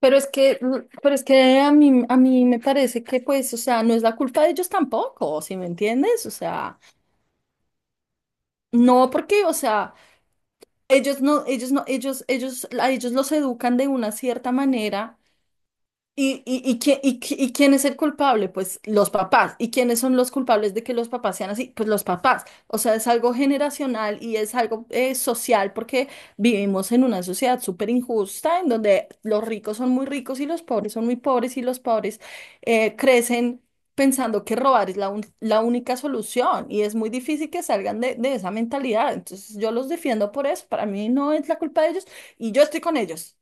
Pero es que, mm, pero es que a mí me parece que, pues, o sea, no es la culpa de ellos tampoco, ¿sí me entiendes? O sea, no porque, o sea, ellos no, ellos no, ellos, a ellos los educan de una cierta manera. ¿Y quién es el culpable? Pues los papás. ¿Y quiénes son los culpables de que los papás sean así? Pues los papás. O sea, es algo generacional y es algo social, porque vivimos en una sociedad súper injusta en donde los ricos son muy ricos y los pobres son muy pobres, y los pobres crecen pensando que robar es la única solución, y es muy difícil que salgan de esa mentalidad. Entonces yo los defiendo por eso. Para mí no es la culpa de ellos y yo estoy con ellos.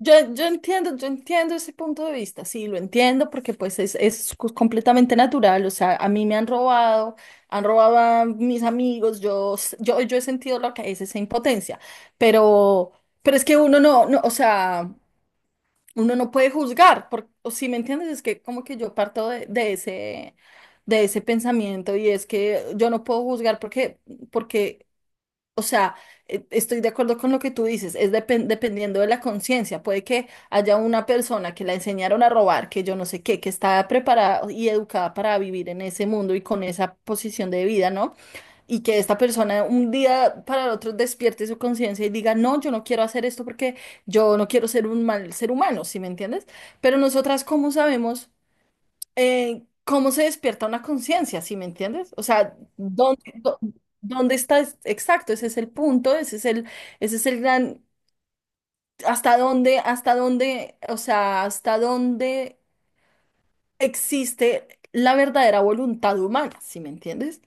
Yo entiendo, yo entiendo ese punto de vista, sí, lo entiendo porque pues es, completamente natural. O sea, a mí me han robado a mis amigos, yo he sentido lo que es esa impotencia, pero, pero es que uno no, o sea, uno no puede juzgar, o si me entiendes, es que como que yo parto de ese pensamiento. Y es que yo no puedo juzgar porque o sea, estoy de acuerdo con lo que tú dices, es dependiendo de la conciencia. Puede que haya una persona que la enseñaron a robar, que yo no sé qué, que está preparada y educada para vivir en ese mundo y con esa posición de vida, ¿no? Y que esta persona un día para el otro despierte su conciencia y diga, no, yo no quiero hacer esto porque yo no quiero ser un mal ser humano, ¿sí me entiendes? Pero nosotras, ¿cómo sabemos? ¿Cómo se despierta una conciencia? ¿Sí me entiendes? O sea, ¿ dónde está? Exacto, ese es el punto, ese es el gran, hasta dónde, o sea, hasta dónde existe la verdadera voluntad humana, ¿sí me entiendes?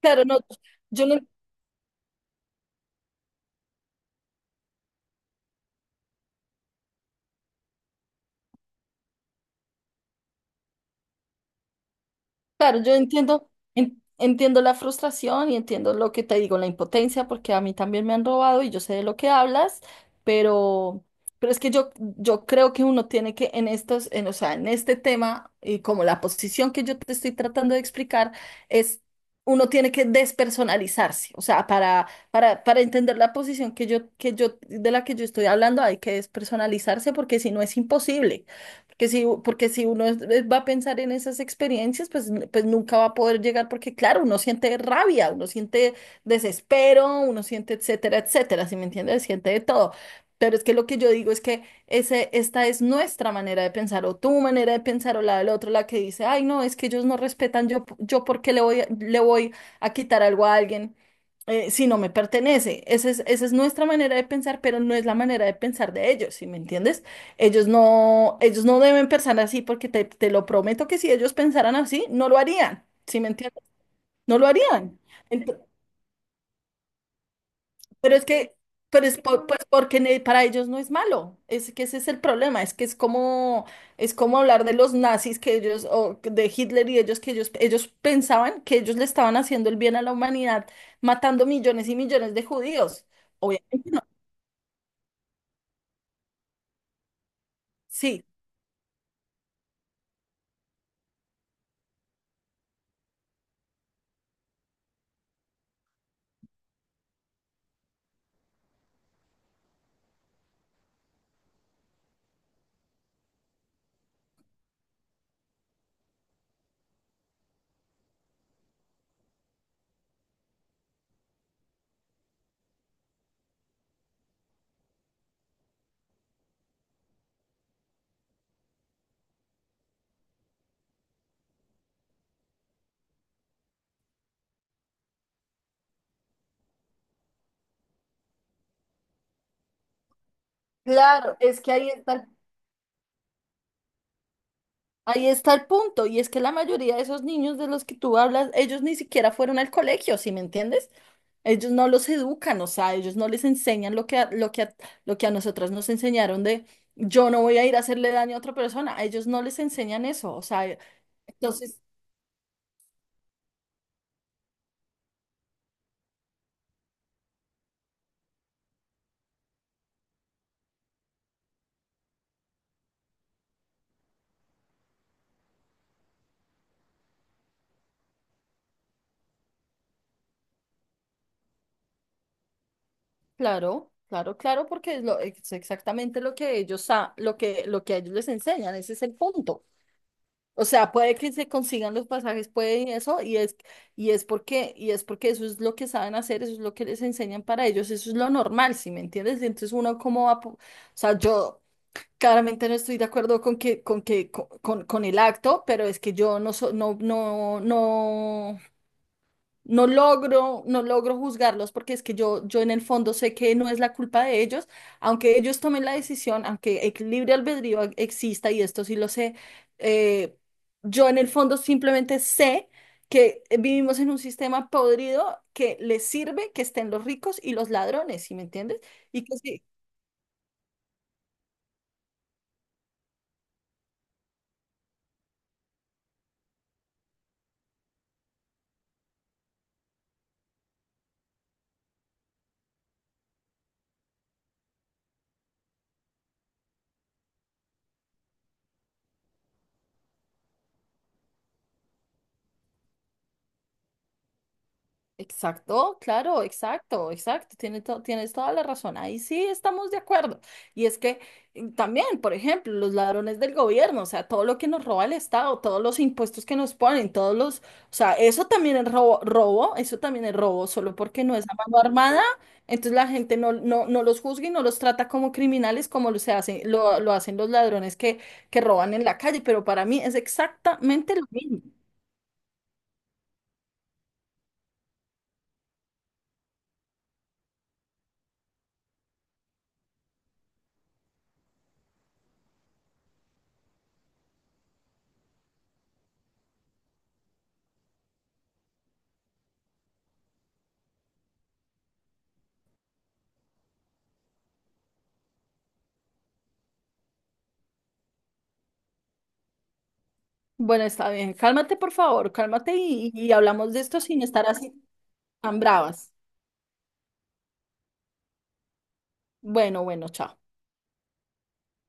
Claro, no, yo no. Claro, yo entiendo, entiendo la frustración y entiendo lo que te digo, la impotencia, porque a mí también me han robado y yo sé de lo que hablas, pero, pero es que yo creo que uno tiene que en o sea, en este tema y como la posición que yo te estoy tratando de explicar es uno tiene que despersonalizarse, o sea, para entender la posición de la que yo estoy hablando hay que despersonalizarse porque si no es imposible. Porque si uno va a pensar en esas experiencias, pues, pues nunca va a poder llegar, porque claro, uno siente rabia, uno siente desespero, uno siente etcétera, etcétera. ¿Si me entiendes? Siente de todo. Pero es que lo que yo digo es que esta es nuestra manera de pensar, o tu manera de pensar, o la del otro, la que dice, ay, no, es que ellos no respetan, yo porque le voy, le voy a quitar algo a alguien si no me pertenece. Esa es nuestra manera de pensar, pero no es la manera de pensar de ellos, ¿sí me entiendes? Ellos no deben pensar así porque te lo prometo que si ellos pensaran así, no lo harían. ¿Sí me entiendes? No lo harían. Ent- pero es que, pero es por- pues porque ne- para ellos no es malo. Es que ese es el problema. Es que es como hablar de los nazis que ellos, o de Hitler, y ellos pensaban que ellos le estaban haciendo el bien a la humanidad, matando millones y millones de judíos. Obviamente no. Sí, claro, es que ahí está. Ahí está el punto, y es que la mayoría de esos niños de los que tú hablas, ellos ni siquiera fueron al colegio, ¿sí me entiendes? Ellos no los educan, o sea, ellos no les enseñan lo que a nosotras nos enseñaron de yo no voy a ir a hacerle daño a otra persona, a ellos no les enseñan eso, o sea, entonces, claro, claro, claro, porque es exactamente lo que lo que a ellos les enseñan, ese es el punto. O sea, puede que se consigan los pasajes, puede y eso, y es porque eso es lo que saben hacer, eso es lo que les enseñan para ellos, eso es lo normal, ¿sí me entiendes? Entonces uno cómo va, o sea, yo claramente no estoy de acuerdo con que, con el acto, pero es que yo no, no, no. No logro, no logro juzgarlos porque es que yo en el fondo sé que no es la culpa de ellos, aunque ellos tomen la decisión, aunque el libre albedrío exista, y esto sí lo sé, eh, yo en el fondo simplemente sé que vivimos en un sistema podrido que les sirve que estén los ricos y los ladrones, ¿sí me entiendes? Y que, si. Exacto, claro, exacto, exacto. Tienes toda la razón. Ahí sí estamos de acuerdo. Y es que también, por ejemplo, los ladrones del gobierno, o sea, todo lo que nos roba el Estado, todos los impuestos que nos ponen, todos los, o sea, eso también es robo, eso también es robo, solo porque no es a mano armada, entonces la gente no los juzga y no los trata como criminales como lo hacen los ladrones que roban en la calle, pero para mí es exactamente lo mismo. Bueno, está bien. Cálmate, por favor, cálmate, y hablamos de esto sin estar así tan bravas. Bueno, bueno, chao.